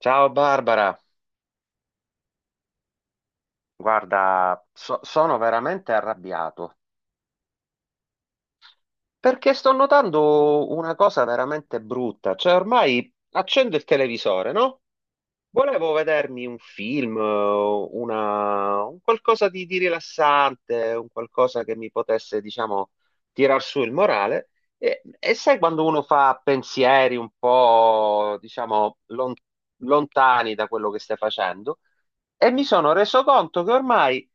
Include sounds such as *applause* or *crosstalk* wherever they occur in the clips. Ciao Barbara, guarda, sono veramente arrabbiato perché sto notando una cosa veramente brutta, cioè ormai accendo il televisore, no? Volevo vedermi un film, una, un qualcosa di rilassante, un qualcosa che mi potesse, diciamo, tirar su il morale. E sai quando uno fa pensieri un po', diciamo, lontani da quello che stai facendo? E mi sono reso conto che ormai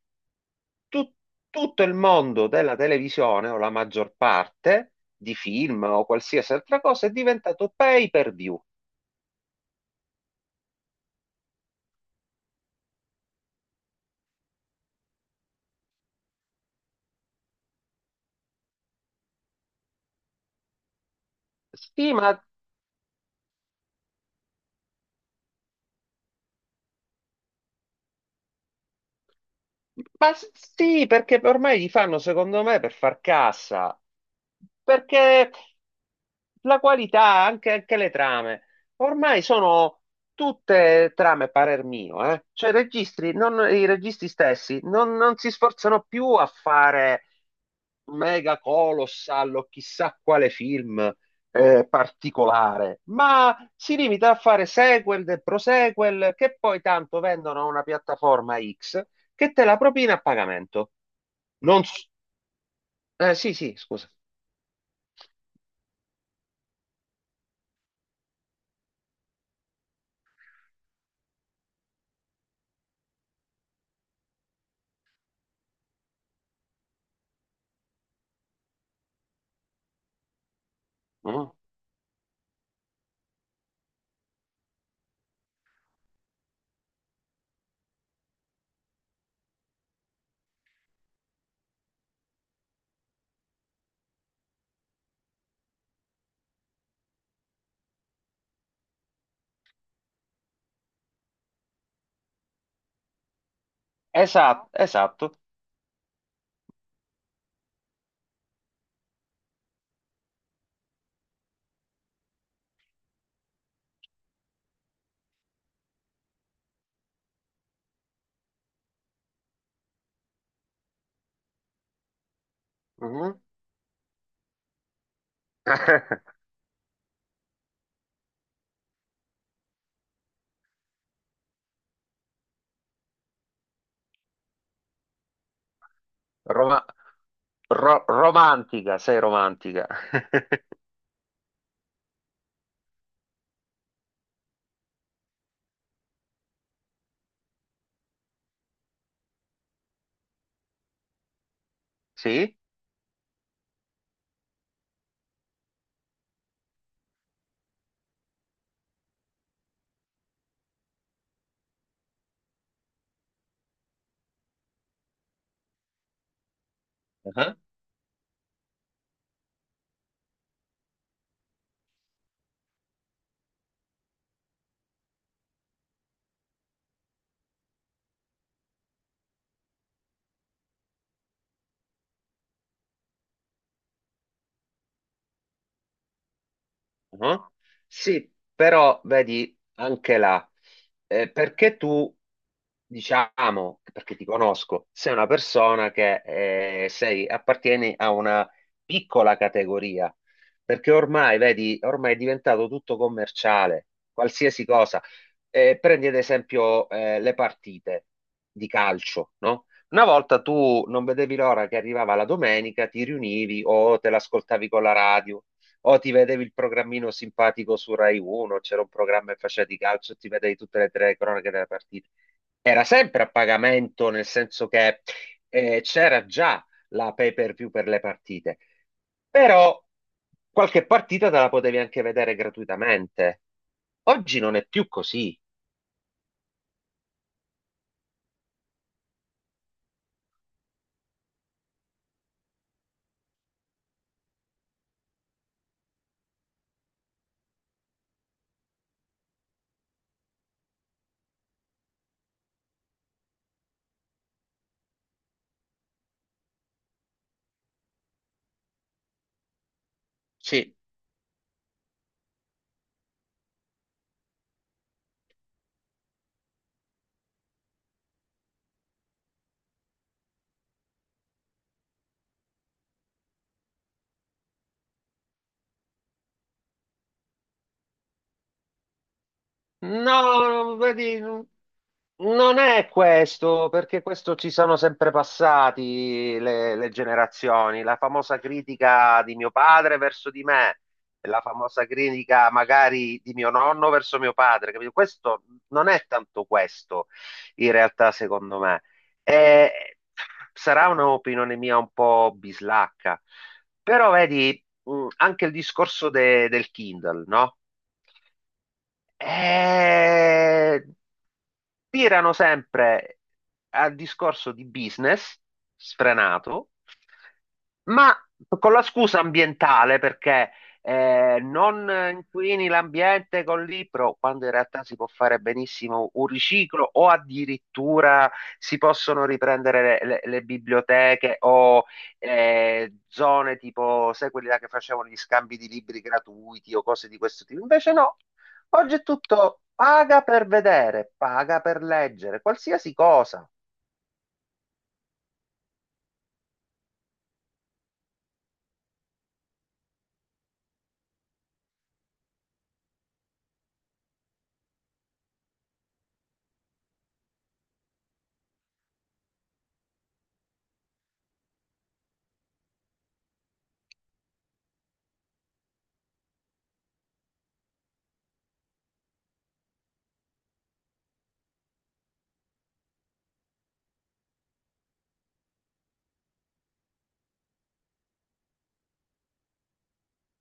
tut- tutto il mondo della televisione, o la maggior parte, di film o qualsiasi altra cosa, è diventato pay per view. Sì, ma Ma s- sì, perché ormai li fanno, secondo me, per far cassa. Perché la qualità, anche, anche le trame, ormai sono tutte trame, parer mio, eh. Cioè, i registri, i registi stessi non, non si sforzano più a fare mega colossal o chissà quale film particolare, ma si limita a fare sequel e prosequel che poi tanto vendono a una piattaforma X che te la propina a pagamento. Non s- sì, sì, scusa. Mhm. Esatto, esatto. Mhm. *laughs* Roma- romantica, sei romantica. *laughs* Sì? Mhm, mhm. Sì, però vedi anche là, perché tu diciamo, perché ti conosco, sei una persona che sei, appartieni a una piccola categoria, perché ormai, vedi, ormai è diventato tutto commerciale, qualsiasi cosa. Prendi ad esempio le partite di calcio, no? Una volta tu non vedevi l'ora che arrivava la domenica, ti riunivi o te l'ascoltavi con la radio. O ti vedevi il programmino simpatico su Rai 1, c'era un programma che faceva di calcio, e ti vedevi tutte le tre cronache delle partite. Era sempre a pagamento, nel senso che c'era già la pay-per-view per le partite, però qualche partita te la potevi anche vedere gratuitamente. Oggi non è più così. Sì, no, vedi, no. Non è questo, perché questo ci sono sempre passati le generazioni. La famosa critica di mio padre verso di me, la famosa critica magari di mio nonno verso mio padre, capito? Questo non è tanto questo, in realtà, secondo me. Eh, sarà un'opinione mia un po' bislacca, però vedi, anche il discorso del Kindle, no? Eh, tirano sempre al discorso di business sfrenato, ma con la scusa ambientale perché non inquini l'ambiente col libro, quando in realtà si può fare benissimo un riciclo o addirittura si possono riprendere le, le biblioteche o zone tipo, sai, quelli là che facevano gli scambi di libri gratuiti o cose di questo tipo. Invece no, oggi è tutto paga per vedere, paga per leggere, qualsiasi cosa.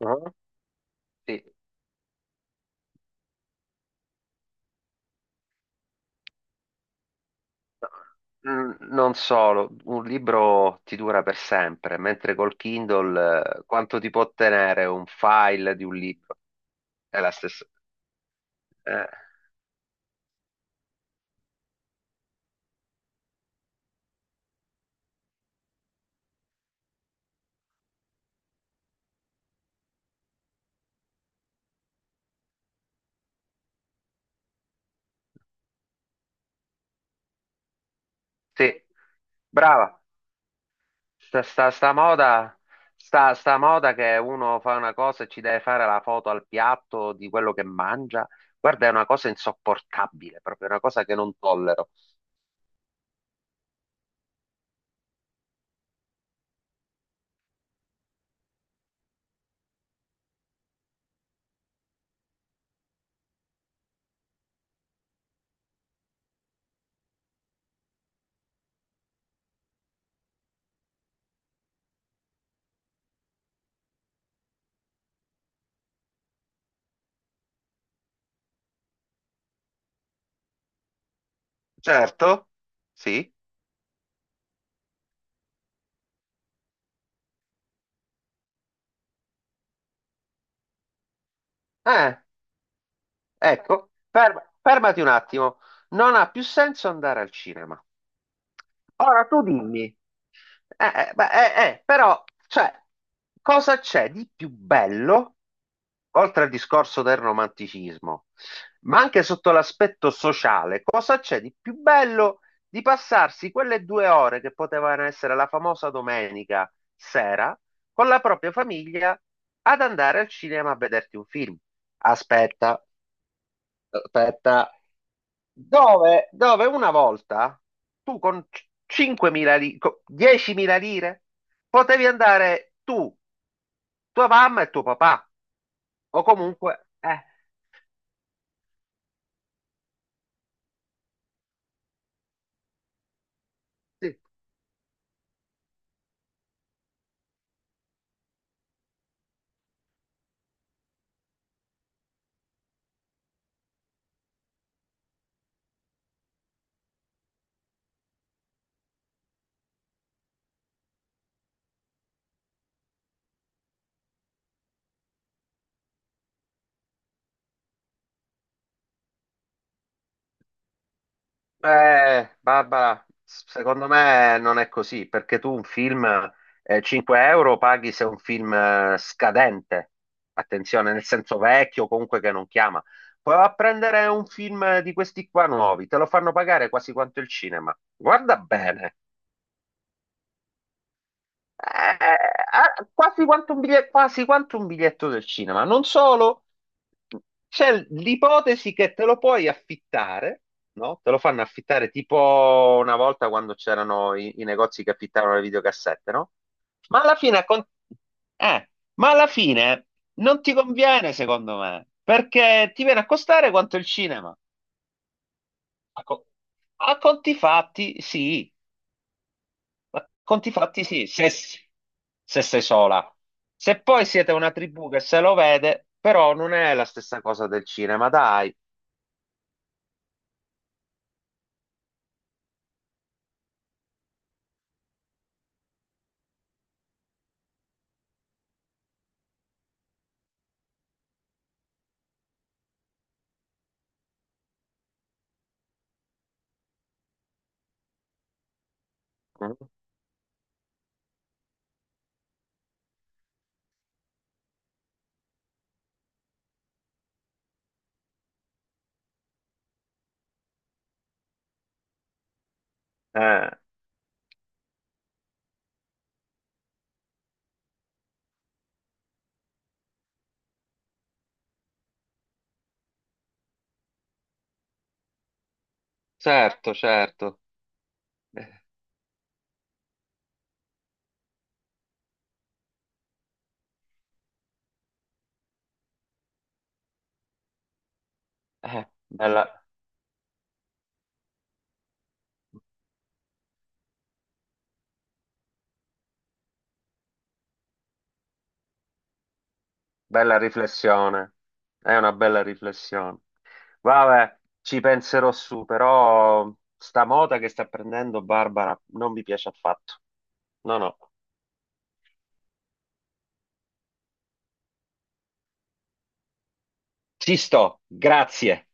Ah, sì. Mm, non solo, un libro ti dura per sempre, mentre col Kindle quanto ti può tenere un file di un libro? È la stessa. Eh, sì, brava, sta moda, sta moda che uno fa una cosa e ci deve fare la foto al piatto di quello che mangia. Guarda, è una cosa insopportabile, proprio una cosa che non tollero. Certo, sì. Eh, ecco, fermati un attimo. Non ha più senso andare al cinema. Ora tu dimmi, però, cioè, cosa c'è di più bello, oltre al discorso del romanticismo, ma anche sotto l'aspetto sociale, cosa c'è di più bello di passarsi quelle 2 ore che potevano essere la famosa domenica sera con la propria famiglia ad andare al cinema a vederti un film? Aspetta, aspetta, dove, dove una volta tu con 5.000 lire, 10.000 lire, potevi andare tu, tua mamma e tuo papà, o comunque, sì. Barbara, secondo me non è così, perché tu un film, 5 euro paghi se è un film scadente, attenzione, nel senso vecchio, comunque che non chiama. Puoi a prendere un film di questi qua nuovi, te lo fanno pagare quasi quanto il cinema. Guarda bene. Eh, ah, quasi quanto un biglietto, quasi quanto un biglietto del cinema. Non solo, c'è l'ipotesi che te lo puoi affittare, no? Te lo fanno affittare tipo una volta quando c'erano i, i negozi che affittavano le videocassette, no? Ma alla fine, con- eh, ma alla fine non ti conviene, secondo me, perché ti viene a costare quanto il cinema. A, co- a conti fatti, sì. Ma conti fatti sì, se, se sei sola. Se poi siete una tribù che se lo vede, però non è la stessa cosa del cinema, dai. Mm? Eh, certo, certo. Eh, bella, bella riflessione. È una bella riflessione. Vabbè, ci penserò su, però sta moda che sta prendendo Barbara non mi piace affatto. No, no. Ci sto, grazie.